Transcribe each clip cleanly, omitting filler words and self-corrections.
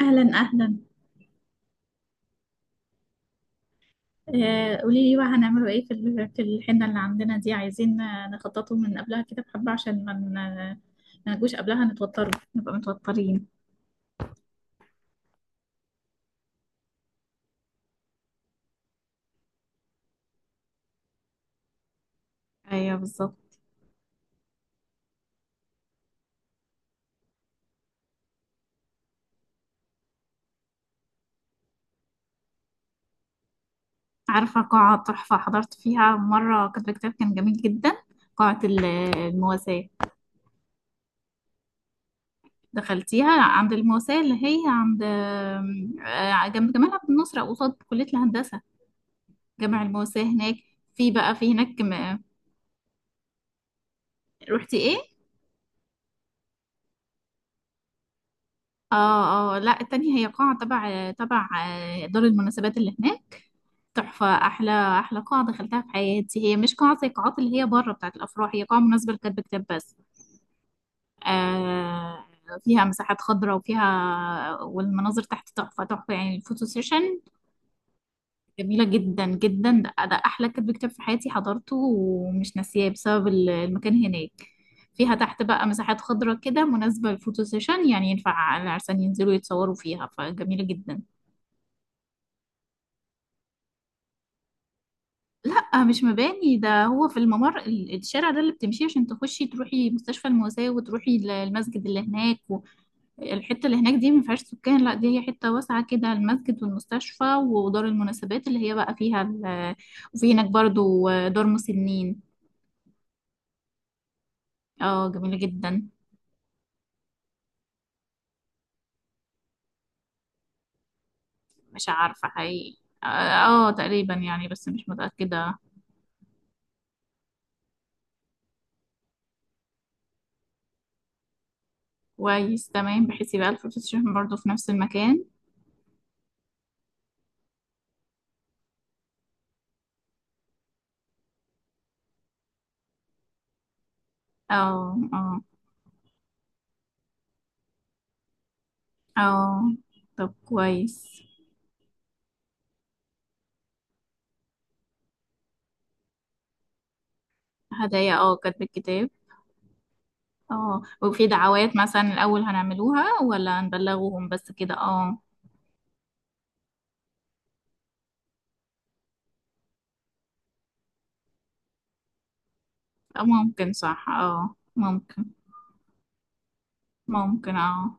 اهلا اهلا. قولي لي بقى هنعمله ايه في في الحنه اللي عندنا دي، عايزين نخططه من قبلها كده بحبه، عشان ما نجوش قبلها نتوتر، نبقى متوترين. ايوه بالظبط. عارفه قاعه تحفه حضرت فيها مره كاتبه كتاب، كان جميل جدا. قاعه المواساه. دخلتيها؟ عند المواساه اللي هي عند جنب جمال عبد الناصر أو قصاد كليه الهندسه. جامع المواساه هناك. في بقى في هناك، رحتي ايه؟ اه، اه، لا التانية هي قاعة تبع دار المناسبات اللي هناك. تحفة. أحلى أحلى قاعة دخلتها في حياتي، هي مش قاعة زي القاعات اللي هي بره بتاعة الأفراح، هي قاعة مناسبة لكاتب كتاب بس. آه فيها مساحات خضراء، والمناظر تحت تحفة تحفة، يعني الفوتو سيشن جميلة جدا جدا. ده، أحلى كاتب كتاب في حياتي حضرته، ومش ناسياه بسبب المكان هناك. فيها تحت بقى مساحات خضراء كده، مناسبة للفوتو سيشن، يعني ينفع العرسان ينزلوا يتصوروا فيها، فجميلة جدا. مش مباني ده، هو في الممر الشارع ده اللي بتمشيه عشان تخشي تروحي مستشفى المواساة، وتروحي المسجد اللي هناك. والحتة اللي هناك دي ما فيهاش سكان، لا دي هي حتة واسعة كده، المسجد والمستشفى ودار المناسبات اللي هي بقى فيها وفي هناك برضو دار مسنين. اه جميلة جدا. مش عارفة حقيقي. اه. تقريبا يعني، بس مش متأكدة. كويس تمام، بحيث يبقى الفلوس برضو في نفس المكان. اه، اه، اه. طب كويس. هدايا، اه، كاتب الكتاب. اه، وفي دعوات مثلا الأول هنعملوها ولا نبلغهم بس كده؟ اه. ممكن، صح، اه ممكن. ممكن، اه.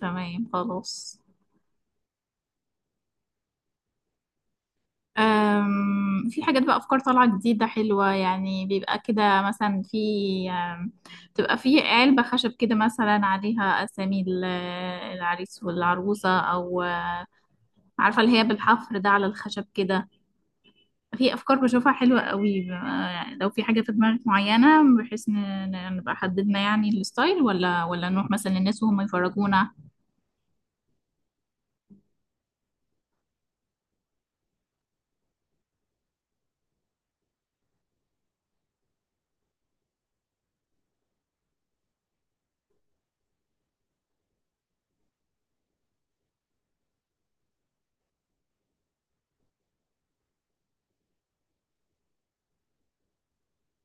تمام خلاص. في حاجات بقى، أفكار طالعة جديدة حلوة، يعني بيبقى كده مثلا في، أم، بتبقى في علبة خشب كده مثلا عليها أسامي العريس والعروسة، أو عارفة اللي هي بالحفر ده على الخشب كده. في افكار بشوفها حلوه قوي، يعني لو في حاجه في دماغك معينه بحيث نبقى حددنا يعني الستايل، ولا نروح مثلا للناس وهم يفرجونا.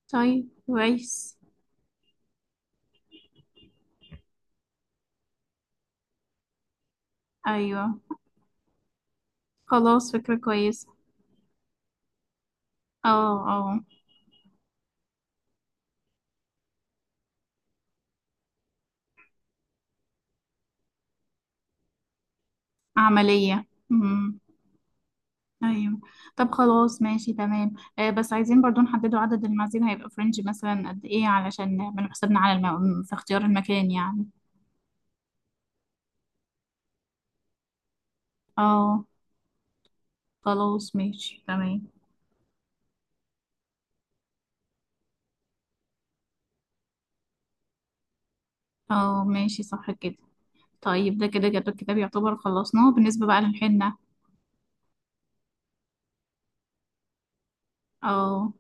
طيب كويس. ايوه خلاص، فكره كويسه. اه، اه عمليه. امم. ايوه. طب خلاص ماشي تمام. بس عايزين برضو نحددوا عدد المعازيم، هيبقى فرنج مثلا قد ايه، علشان نعمل حسابنا على في اختيار المكان يعني. اه خلاص ماشي تمام. اه ماشي صح كده. طيب ده كده جدول الكتاب يعتبر خلصناه، بالنسبة بقى للحنة. اه.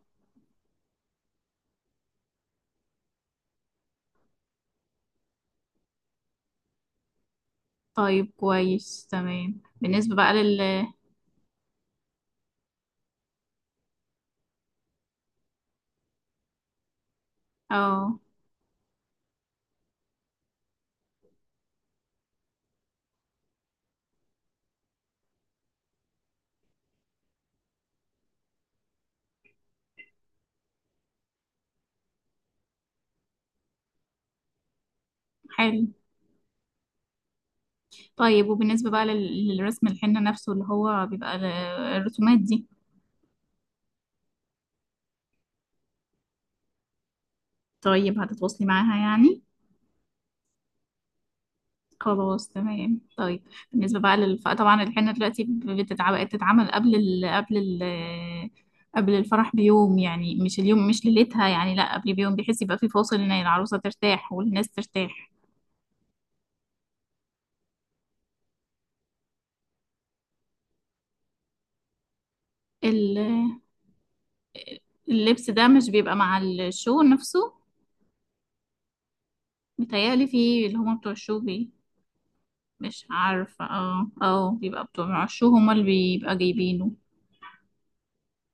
طيب كويس تمام، بالنسبة بقى اه حلو. طيب وبالنسبة بقى للرسم الحنة نفسه اللي هو بيبقى الرسومات دي. طيب هتتواصلي معاها يعني. خلاص تمام. طيب بالنسبة بقى طبعا الحنة دلوقتي بتتعمل قبل قبل الفرح بيوم، يعني مش اليوم، مش ليلتها، يعني لا، قبل بيوم، بحيث يبقى في فاصل ان العروسة ترتاح والناس ترتاح. اللبس ده مش بيبقى مع الشو نفسه؟ متهيألي في اللي هما بتوع الشو مش عارفة. اه، اه، بيبقى بتوع الشو هما اللي بيبقى جايبينه.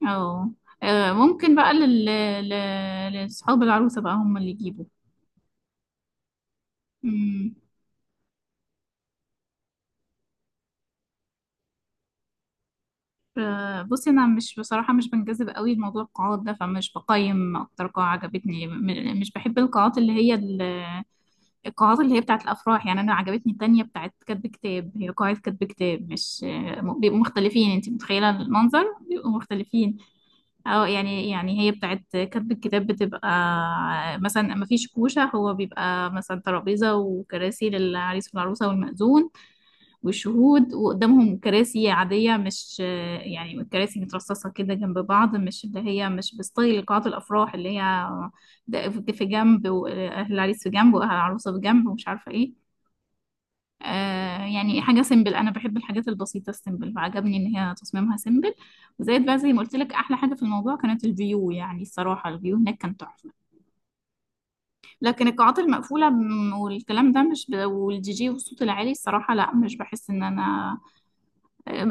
اه. ممكن بقى لأصحاب العروسة بقى هما اللي يجيبوا. مم. بصي أنا مش بصراحة مش بنجذب قوي لموضوع القاعات ده، فمش بقيم أكتر قاعة عجبتني، مش بحب القاعات اللي هي بتاعت الافراح، يعني انا عجبتني التانية بتاعت كاتب كتاب. هي قاعة كاتب كتاب، مش بيبقوا مختلفين، انت متخيلة المنظر، بيبقوا مختلفين. او يعني، هي بتاعت كاتب الكتاب بتبقى مثلا ما فيش كوشة، هو بيبقى مثلا ترابيزة وكراسي للعريس والعروسة والمأذون وشهود، وقدامهم كراسي عادية، مش يعني كراسي مترصصة كده جنب بعض، مش اللي هي مش بستايل قاعات الأفراح اللي هي ده في جنب، وأهل العريس في جنب، وأهل العروسة في جنب، ومش عارفة إيه. يعني حاجة سيمبل، أنا بحب الحاجات البسيطة السيمبل، فعجبني إن هي تصميمها سيمبل. وزائد بقى زي ما قلت لك، أحلى حاجة في الموضوع كانت الفيو، يعني الصراحة الفيو هناك كان تحفة. لكن القاعات المقفولة والكلام ده مش والدي جي والصوت العالي، الصراحة لا، مش بحس إن أنا،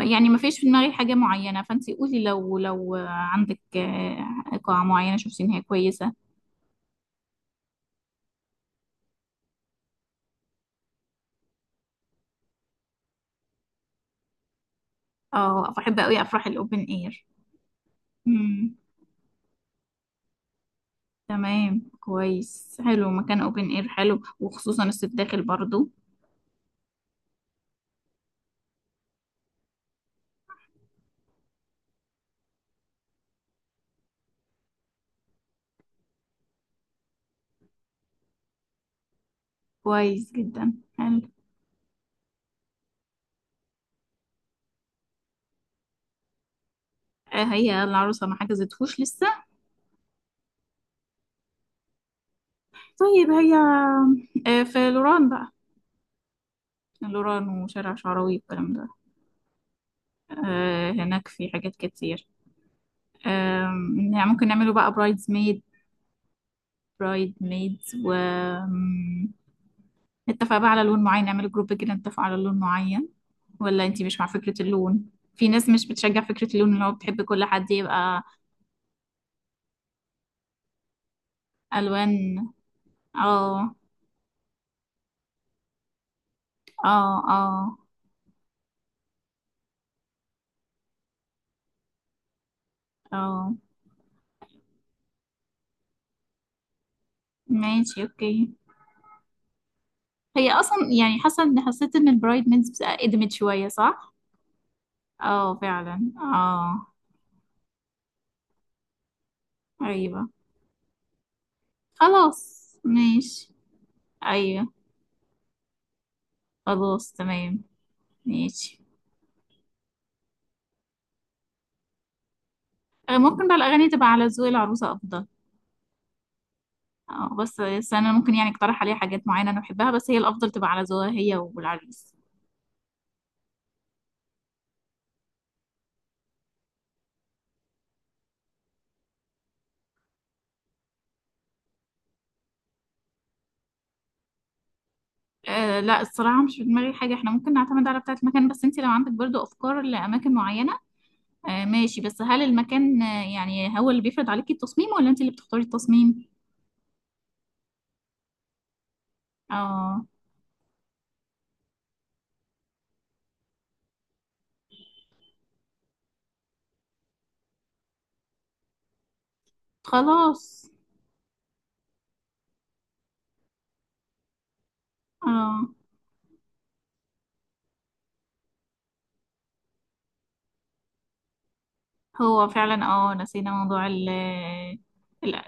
يعني ما فيش في دماغي حاجة معينة. فانتي قولي، لو عندك قاعة معينة شفتي ان هي كويسة. اه بحب قوي افراح الاوبن اير. امم تمام كويس، حلو مكان اوبن اير، حلو وخصوصا الصيف داخل برضو. كويس جدا حلو. هي العروسة ما حجزتهوش لسه. طيب هي في لوران بقى. لوران وشارع شعراوي والكلام ده. هناك في حاجات كتير. يعني ممكن نعمله بقى برايدز ميد. برايد ميدز و، م، نتفق بقى على لون معين، نعمل جروب كده نتفق على لون معين، ولا انتي مش مع فكرة اللون؟ في ناس مش بتشجع فكرة اللون، اللي هو بتحب كل حد يبقى ألوان. اه، اه، اه. اه ماشي اوكي. هي اصلا يعني، حاسه ان حسيت ان البرايد ميدز قدمت شويه، صح. اه فعلا، اه. ايوه خلاص ماشي. ايوه خلاص تمام ماشي. ممكن بقى الاغاني تبقى على ذوق العروسه افضل. اه، بس انا ممكن يعني اقترح عليها حاجات معينه انا بحبها، بس هي الافضل تبقى على ذوقها هي والعريس. أه لا، الصراحه مش في دماغي حاجه، احنا ممكن نعتمد على بتاعه المكان، بس انت لو عندك برضو افكار لاماكن معينه. أه ماشي، بس هل المكان يعني هو اللي بيفرض عليكي التصميم، ولا انت اللي بتختاري التصميم؟ اه خلاص. اه هو فعلا اه، نسينا موضوع ال-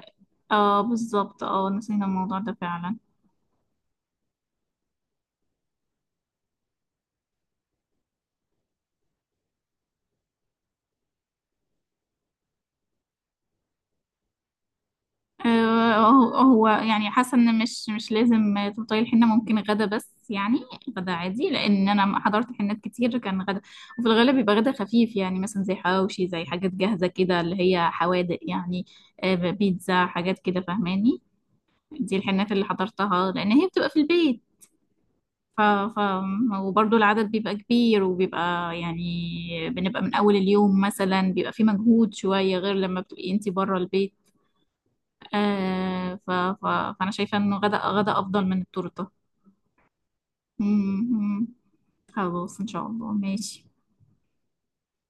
اه بالظبط، اه نسينا الموضوع ده فعلا. هو هو يعني حاسه ان مش لازم تبطلي الحنه، ممكن غدا بس يعني. غدا عادي، لان انا حضرت حنات كتير كان غدا. وفي الغالب بيبقى غدا خفيف، يعني مثلا زي حواوشي، زي حاجات جاهزه كده اللي هي حوادق يعني، بيتزا حاجات كده فاهماني. دي الحنات اللي حضرتها لان هي بتبقى في البيت. ف... ف... وبرضه العدد بيبقى كبير، وبيبقى يعني بنبقى من اول اليوم، مثلا بيبقى في مجهود شويه، غير لما بتبقي انتي بره البيت. آه ف... ف... فأنا شايفة إنه غدا غدا أفضل من التورتة. مم. خلاص إن شاء الله ماشي.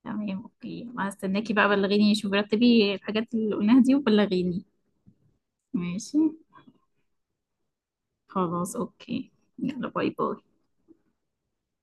تمام أوكي، هستناكي بقى، بلغيني، شوفي رتبي الحاجات اللي قلناها دي وبلغيني. ماشي خلاص أوكي. يلا باي باي.